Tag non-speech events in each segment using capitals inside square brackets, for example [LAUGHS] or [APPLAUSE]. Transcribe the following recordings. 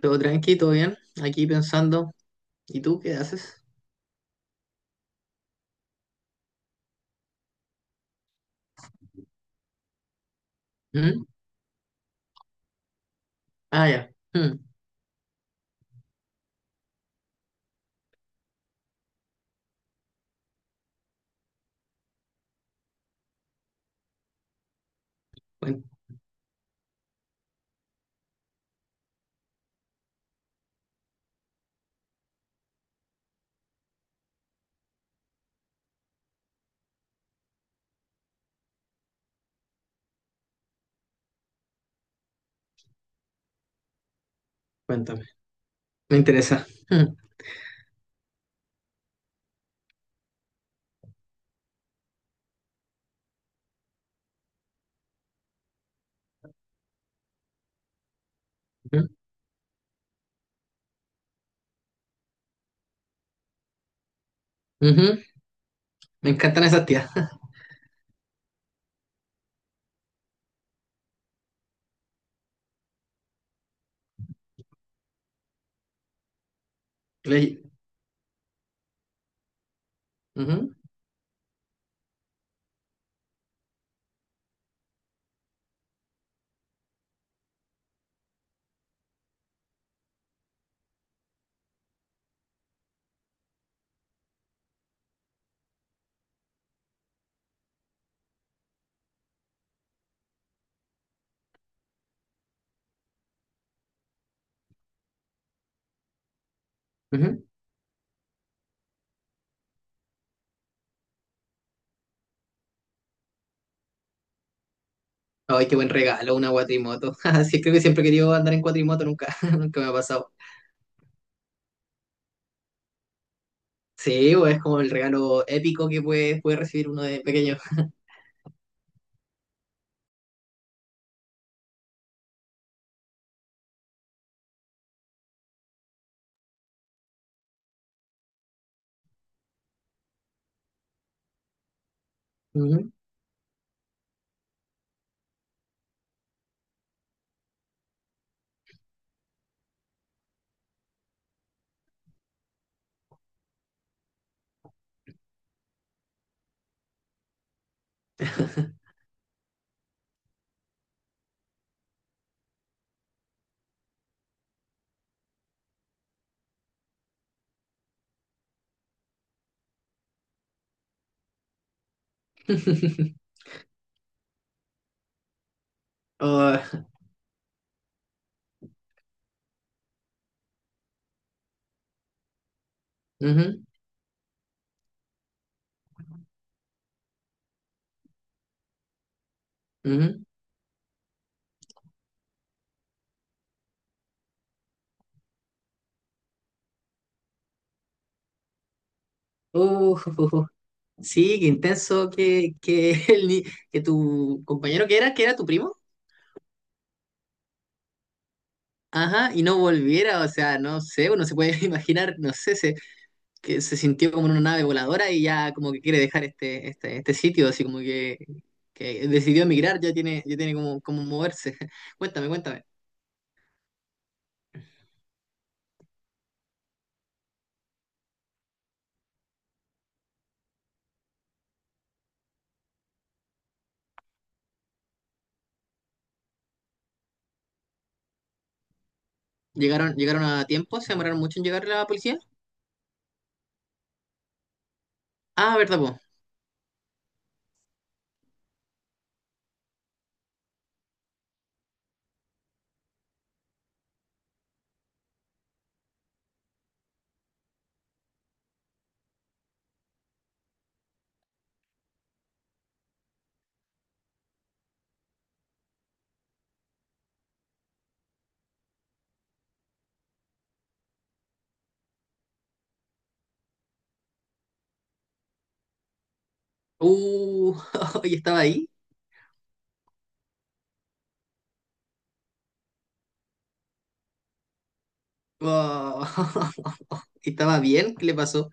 Todo tranqui, todo bien. Aquí pensando, ¿y tú qué haces? ¿Mm? Ah, ya. Mm, cuen- cuéntame. Me interesa. Mm, ujú, ujú. Me encantan esas tías. Le- ujú, ujú. Ay, qué buen regalo, una cuatrimoto. [LAUGHS] Sí, creo que siempre he querido andar en cuatrimoto, nunca, [LAUGHS] nunca me ha pasado. Sí, o es como el regalo épico que puede recibir uno de pequeño. Ujú. [LAUGHS] Oh, ujú, ujú. Uh, [LAUGHS] sí, qué intenso [LAUGHS] el ni- que tu compañero que era tu primo, ajá, y no volviera, o sea, no sé, uno se puede [LAUGHS] imaginar, no sé, que se sintió como en una nave voladora y ya como que quiere dejar este sitio, así como que decidió emigrar, ya tiene como, como moverse. [LAUGHS] Cuéntame, cuéntame. Llegaron a tiempo? ¿Se demoraron mucho en llegar la policía? Ah, ¿verdad, po? Uh, [LAUGHS] y estaba ahí. Oh, [LAUGHS] ¿Estaba bien? ¿Qué le pasó?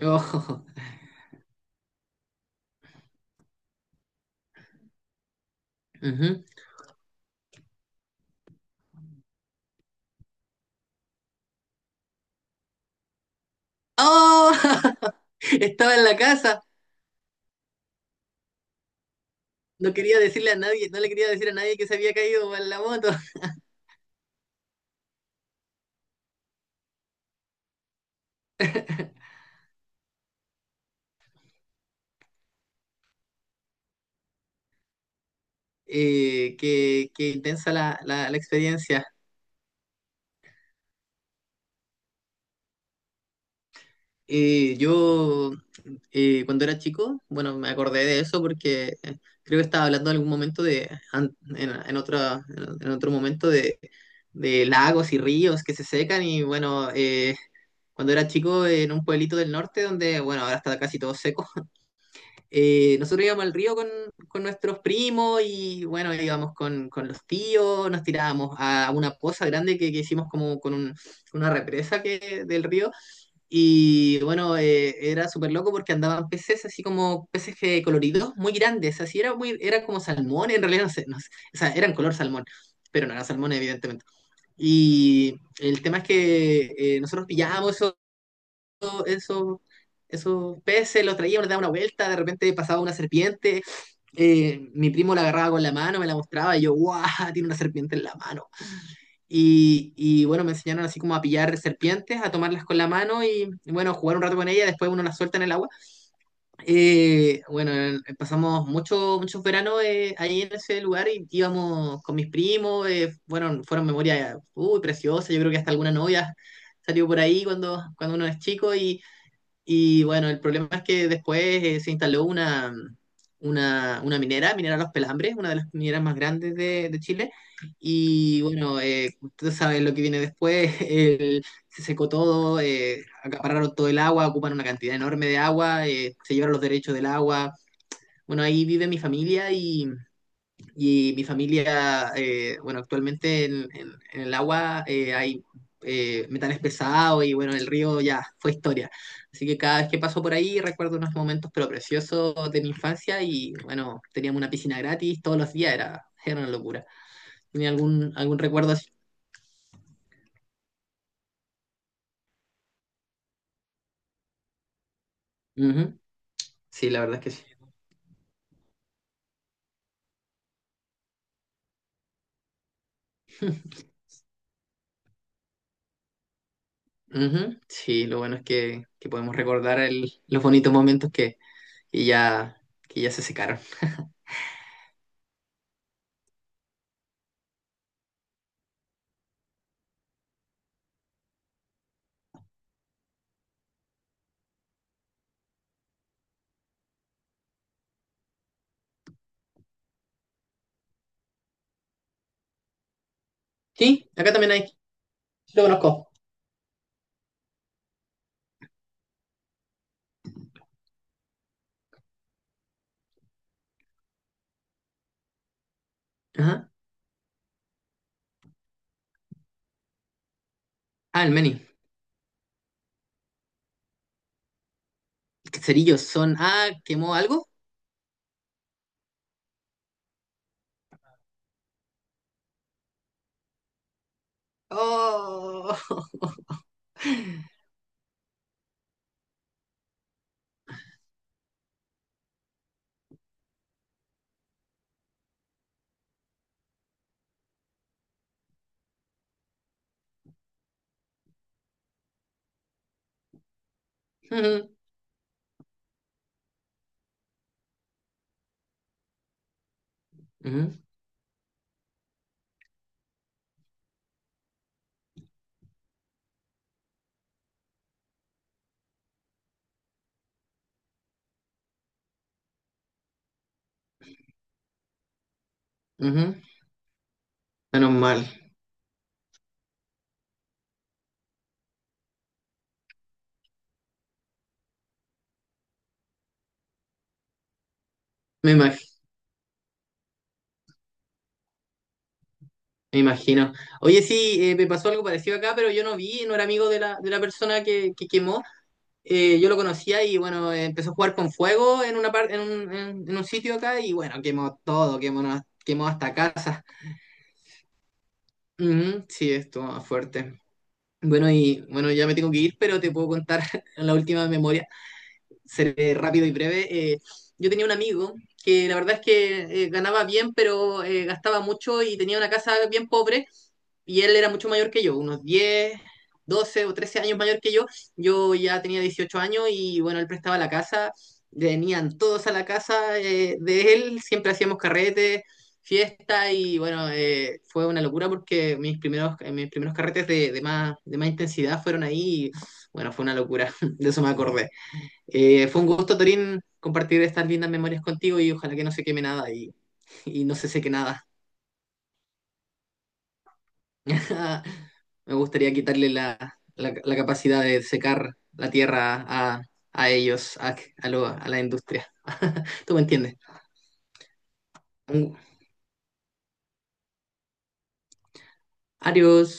Oh, [LAUGHS] ujú. ¡Oh! [LAUGHS] Estaba en la casa. No quería decirle a nadie, no le quería decir a nadie que se había caído en la moto. [LAUGHS] Qué, qué intensa la experiencia. Yo, cuando era chico, bueno, me acordé de eso porque creo que estaba hablando en algún momento de, en en otro momento de lagos y ríos que se secan y bueno, cuando era chico en un pueblito del norte donde, bueno, ahora está casi todo seco. Nosotros íbamos al río con nuestros primos y bueno, íbamos con los tíos, nos tirábamos a una poza grande que hicimos como con una represa que, del río y bueno, era súper loco porque andaban peces así como peces coloridos muy grandes, así era muy, era como salmón, en realidad no sé, no sé, o sea, eran color salmón, pero no era salmón evidentemente. Y el tema es que nosotros pillábamos eso esos peces, los traía, me daba una vuelta, de repente pasaba una serpiente, mi primo la agarraba con la mano, me la mostraba, y yo, ¡guau! [LAUGHS] Tiene una serpiente en la mano. Y bueno, me enseñaron así como a pillar serpientes, a tomarlas con la mano y bueno, jugar un rato con ella después uno las suelta en el agua. Bueno, pasamos muchos veranos ahí en ese lugar y íbamos con mis primos, fueron memorias, uy, preciosas, yo creo que hasta alguna novia salió por ahí cuando, cuando uno es chico y bueno, el problema es que después se instaló una, mm, una minera, Minera Los Pelambres, una de las mineras más grandes de Chile. Y bueno, ustedes saben lo que viene después, [LAUGHS] se secó todo, acapararon todo el agua, ocupan una cantidad enorme de agua, se llevaron los derechos del agua. Bueno, ahí vive mi familia y mi familia, bueno, actualmente en, en el agua hay metales pesados y bueno, el río ya fue historia. Así que cada vez que paso por ahí recuerdo unos momentos pero preciosos de mi infancia y bueno, teníamos una piscina gratis todos los días, era, era una locura. ¿Tenía algún, algún recuerdo así? Ujú. Sí, la verdad es que sí. Ujú. Sí, lo bueno es que podemos recordar los bonitos momentos que ya, que ya se secaron. Sí, acá también hay, lo conozco. Ajá. Ah, el Meni. Cerillos son. Ah, ¿quemó algo? Oh. [LAUGHS] Ujú, ujú, ujú. Menos mal. Me imag- me imagino. Oye, sí, me pasó algo parecido acá, pero yo no vi, no era amigo de la persona que quemó. Yo lo conocía y bueno, empezó a jugar con fuego en una parte, en un, en un sitio acá y bueno, quemó todo, quemó, quemó hasta casa. Ujú, sí, esto más fuerte. Bueno, y bueno, ya me tengo que ir, pero te puedo contar [LAUGHS] la última memoria. Seré rápido y breve. Yo tenía un amigo que la verdad es que ganaba bien, pero gastaba mucho y tenía una casa bien pobre y él era mucho mayor que yo, unos 10, 12 o 13 años mayor que yo. Yo ya tenía 18 años y bueno, él prestaba la casa, venían todos a la casa de él, siempre hacíamos carretes, fiesta y bueno, fue una locura porque mis primeros carretes de, de más intensidad fueron ahí y bueno, fue una locura, [LAUGHS] de eso me acordé. Fue un gusto, Torín, compartir estas lindas memorias contigo y ojalá que no se queme nada y, y no se seque nada. [LAUGHS] Me gustaría quitarle la, la capacidad de secar la tierra a ellos, a a la industria. [LAUGHS] ¿Tú me entiendes? Un- Adiós.